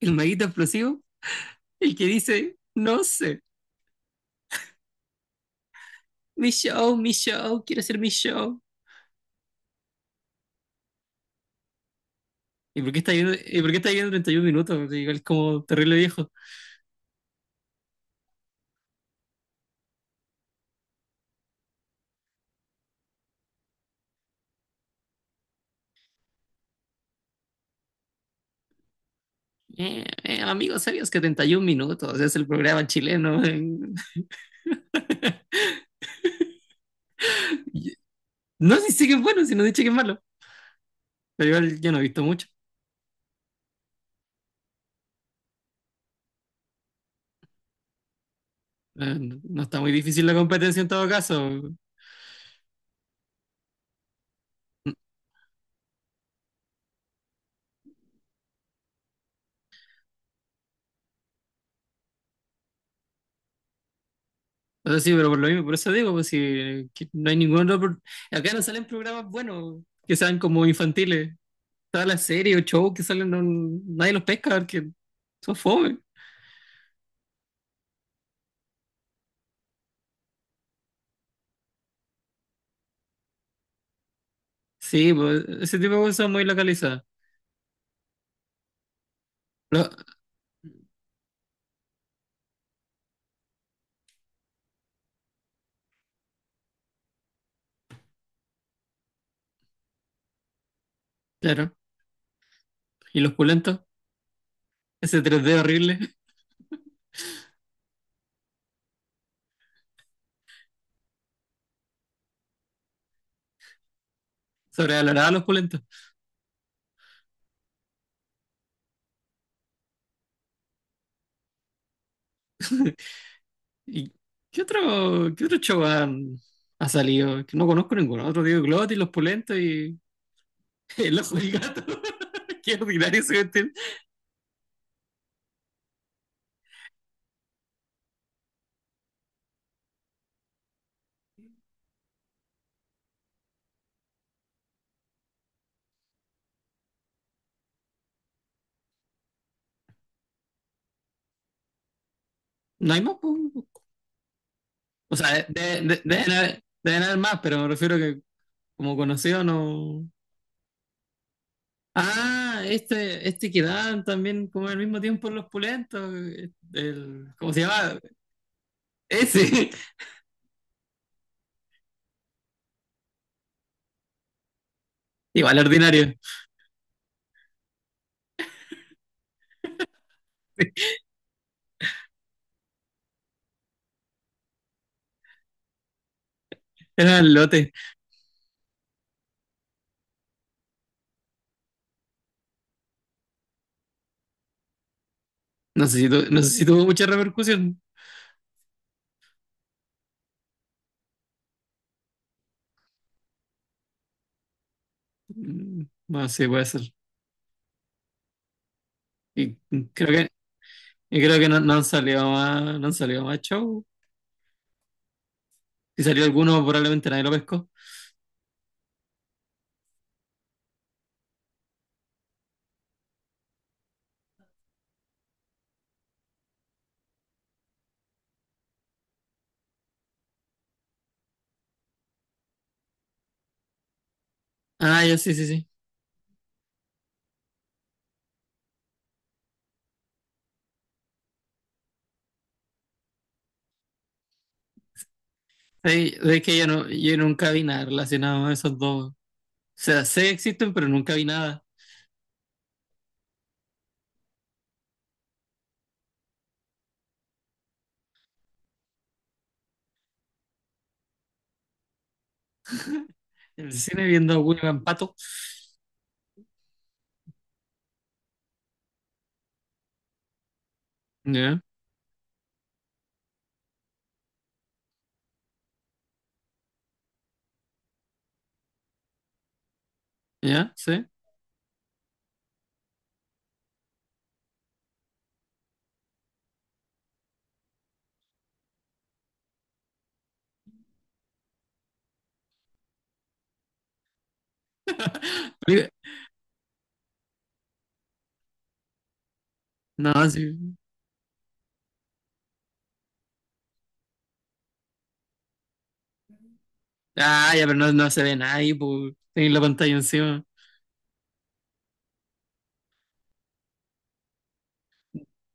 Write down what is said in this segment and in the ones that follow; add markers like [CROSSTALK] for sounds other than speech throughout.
El maguito explosivo, el que dice, no sé, mi show, quiero hacer mi show. ¿Y por qué está viendo, y por qué está viendo 31 minutos? Pues igual como terrible viejo. Amigos, ¿sabías que 31 minutos es el programa chileno? [LAUGHS] No sé si es bueno, si no dice que es malo. Pero igual yo no he visto mucho. Eh, No está muy difícil la competencia en todo caso. O sea, sí, pero por lo mismo, por eso digo, pues si que no hay ningún otro. Acá no salen programas buenos que sean como infantiles. Todas las series o shows que salen, nadie los pesca porque son fome. Sí, pues, ese tipo de cosas muy localizadas. Lo- claro. ¿Y los pulentos? Ese tres d horrible. [LAUGHS] Sobrevalorada los pulentos. [LAUGHS] ¿Y qué otro show ha salido? Que no conozco ninguno. Otro Diego Glot y los pulentos y [LAUGHS] el ojo del gato. [LAUGHS] Qué ordinario se vestir. No hay más, po. O sea, deben haber más, pero me refiero que como conocido no. Ah, este que daban también como al mismo tiempo en los pulentos. El, ¿cómo se llama? Ese. [LAUGHS] Igual ordinario. [LAUGHS] Era el lote. No sé si tuvo mucha repercusión. Bueno, sí, puede ser. Y creo que, y creo que no han salido más show. Si salió alguno, probablemente nadie lo pescó. Ah, ya sí, sí, sí. Sí, es que yo nunca vi nada relacionado a esos dos. O sea, sé que existen, pero nunca vi nada. En el cine viendo a William Pato. Ya, ya, sí. Mira, no, sí. Ah, ya, pero no se ve nadie, pues. Tenéis la pantalla encima.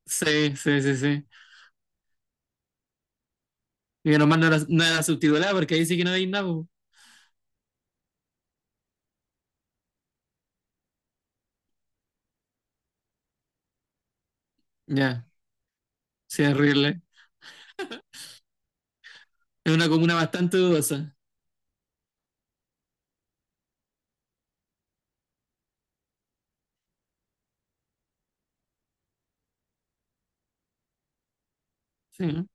Sí, sí, sí, sí. Y que nomás no era subtitulada porque ahí sí que no veis nada, po. Ya, sí, es horrible. Es una comuna bastante dudosa. Sí, ¿no?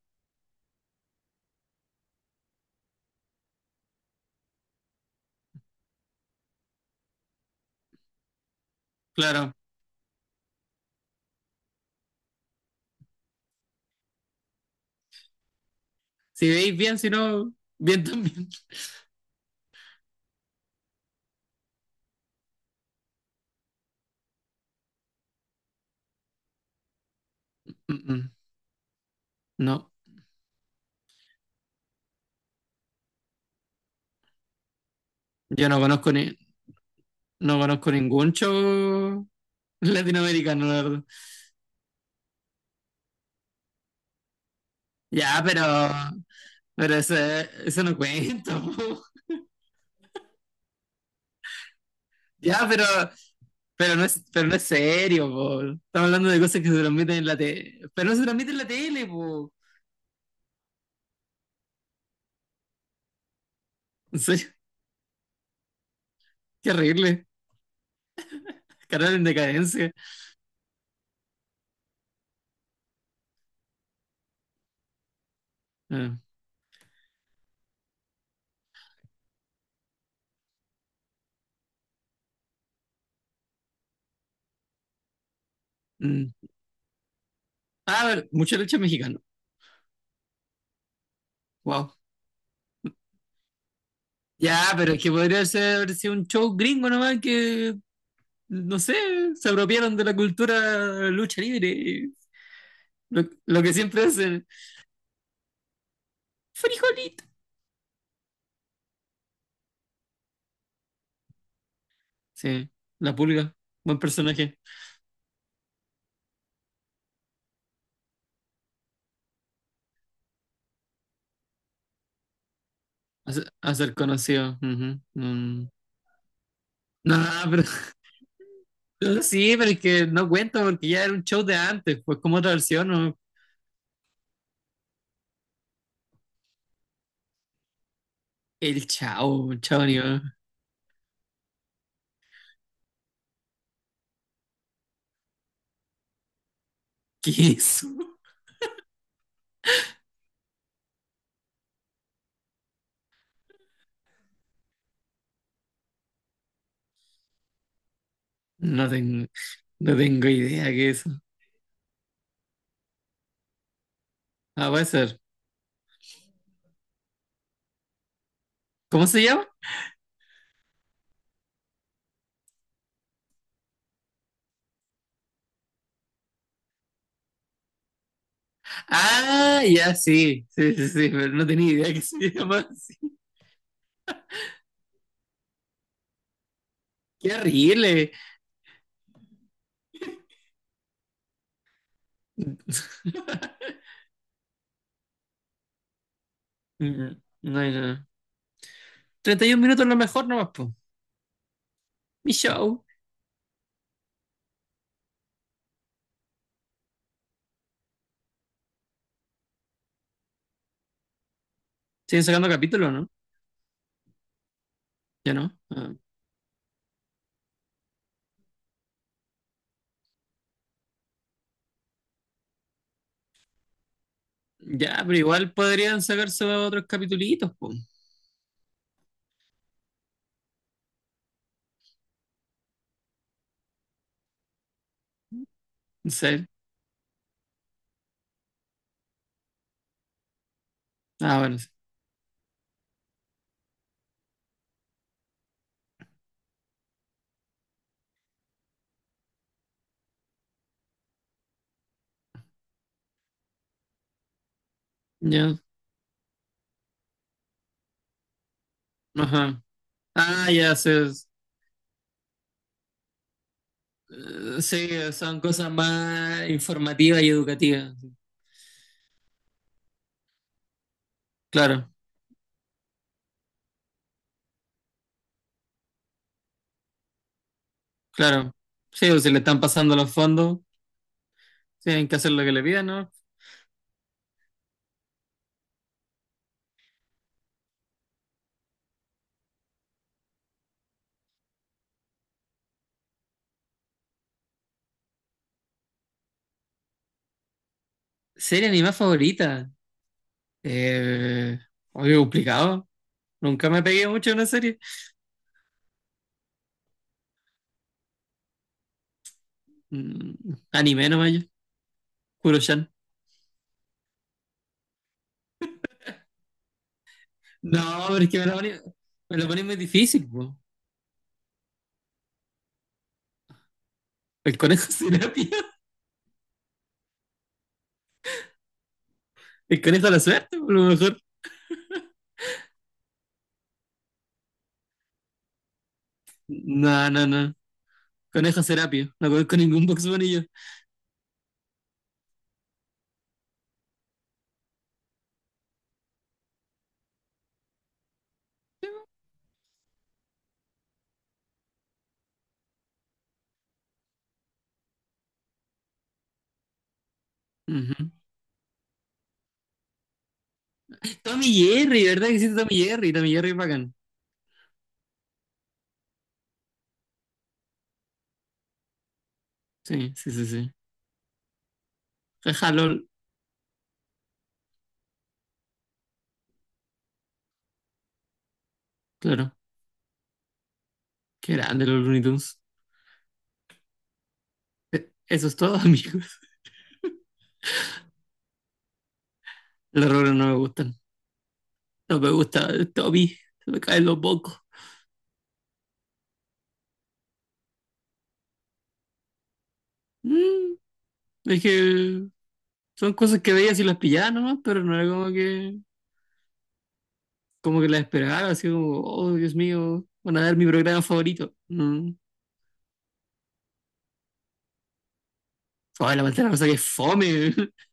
Claro. Si veis bien, si no, bien también. [LAUGHS] Mm, mm. No, yo no conozco ningún show latinoamericano, la verdad. Ya, pero ese, eso no cuenta, [LAUGHS] po. Ya, pero no es serio, po. Estamos hablando de cosas que se transmiten en la tele. Pero no se transmiten en la tele, po. [LAUGHS] En serio, qué horrible. Canal en decadencia. Ah, mm. Ah, a ver, mucha lucha mexicana. Wow. Ya, pero es que podría ser, haber sido un show gringo nomás que, no sé, se apropiaron de la cultura lucha libre. Y lo que siempre hacen. Frijolito. Sí, la pulga. Buen personaje. A ser conocido. Ujú. Mm. No, pero [LAUGHS] sí, pero es que no cuenta porque ya era un show de antes, pues como otra versión, ¿no? El chao, chao, ni va. [LAUGHS] ¿Qué es eso? No tengo, no tengo idea qué es eso. Ah, puede ser. ¿Cómo se llama? Ah, ya sí, sí, sí, sí, pero no tenía idea que se [LAUGHS] llama así. Qué horrible. [LAUGHS] No, no. 31 minutos lo mejor nomás, pues. Mi show. Siguen sacando capítulos, ¿no? Ya no. Ah, ya, pero igual podrían sacarse otros capitulitos, pues. No sé. Ah, vale. Ya, ajá. Ah, ya sé. Sí, son cosas más informativas y educativas. Sí. Claro, claro. Sí, o si le están pasando los fondos, tienen que hacer lo que le pidan, ¿no? Serie animada favorita. Eh, oye, complicado. Nunca me pegué mucho en una serie. Mm, anime nomás yo. Kuro-chan. No, pero es que me lo ponen muy difícil, po. El conejo [LAUGHS] terapia. El conejo de la suerte, por lo mejor. No, no, no. Conejo Serapio. No conozco ningún Box Bunny yo. Ujú. Tommy Jerry, ¿verdad que sí? Tommy Jerry. Tommy Jerry es bacán. Sí, sí, sí, sí. Jaja, LOL. Claro. Qué grande los Looney Tunes. Eso es todo, [LAUGHS] amigos. Los errores no me gustan. No me gusta el Tommy. Se me caen los bocos. Mm, es que son cosas que veías y las pillaba nomás, pero no era como que las esperaba. Así como, oh, Dios mío, van a dar mi programa favorito. Mm. Ay, la pantera rosa que es fome. [LAUGHS]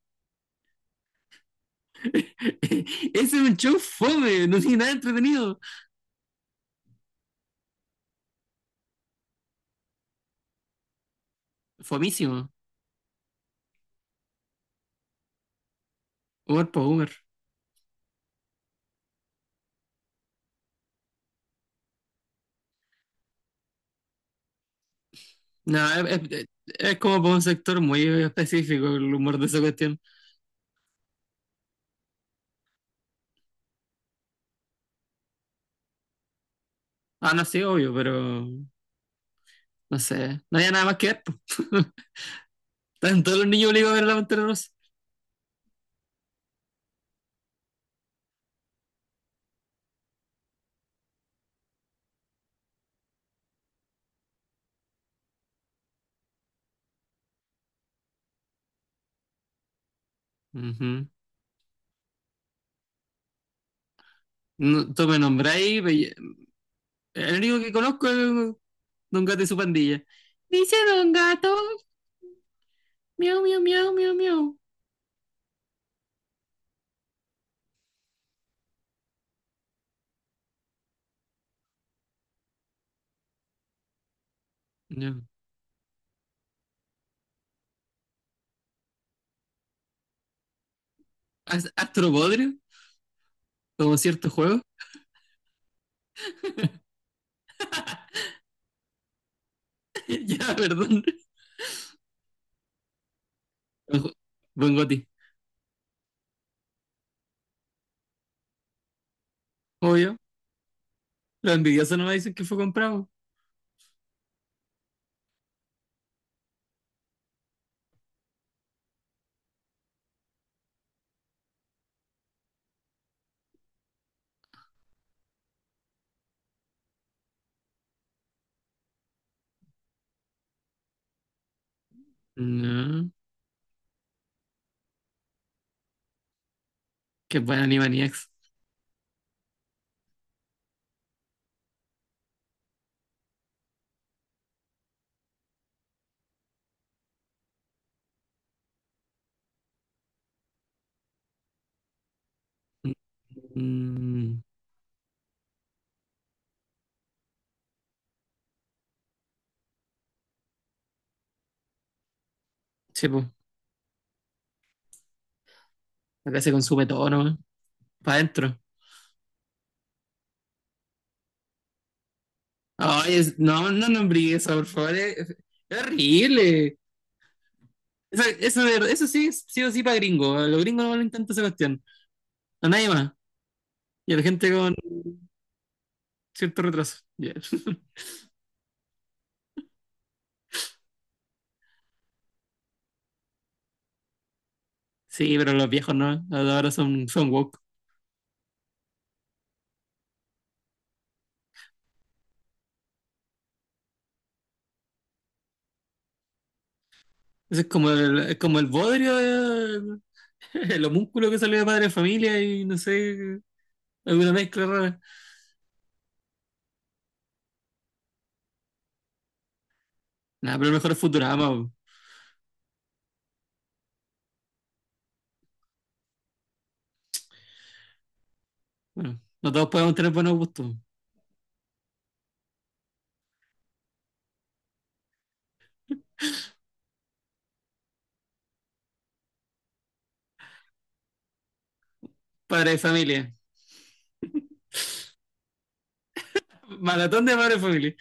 [LAUGHS] Ese es un show fome, no tiene nada entretenido. Fomísimo. Humor por humor. No, es, es- es como por un sector muy específico el humor de esa cuestión. Ah, no, sí, obvio, pero no sé. No había nada más que ver. [LAUGHS] po. Todos los niños obligados a ver la Pantera Rosa. Ujú. No, tú me nombráis, pero el único que conozco es Don Gato y su pandilla. Dice Don Gato, miau, miau, miau, miau, miau. Ya. ¿Astro Podrio? Como cierto juego. [LAUGHS] Ya, perdón. Buen ju- buen Goti. Obvio. Los envidiosos no me dicen que fue comprado. No. Qué buena Animaniacs. Mm, sí, pues. Acá se consume todo nomás. Para adentro. Ay, no nombré eso, por favor. Es horrible. Eso, eso sí, es sí o sí para gringo. A los gringos no lo intenta esa cuestión. A nadie más. Y a la gente con cierto retraso. Ya. [LAUGHS] Sí, pero los viejos no. Ahora son woke. Eso es como el bodrio [LAUGHS] el homúnculo que salió de Padre de Familia y no sé, alguna mezcla rara. Nada, pero el mejor es Futurama. Po. Bueno, no todos podemos tener buenos gustos. Padre de Familia. Maratón de Padre de Familia.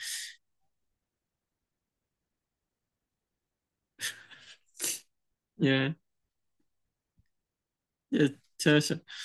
Ya, yeah. Ya, yeah. Chao, chao.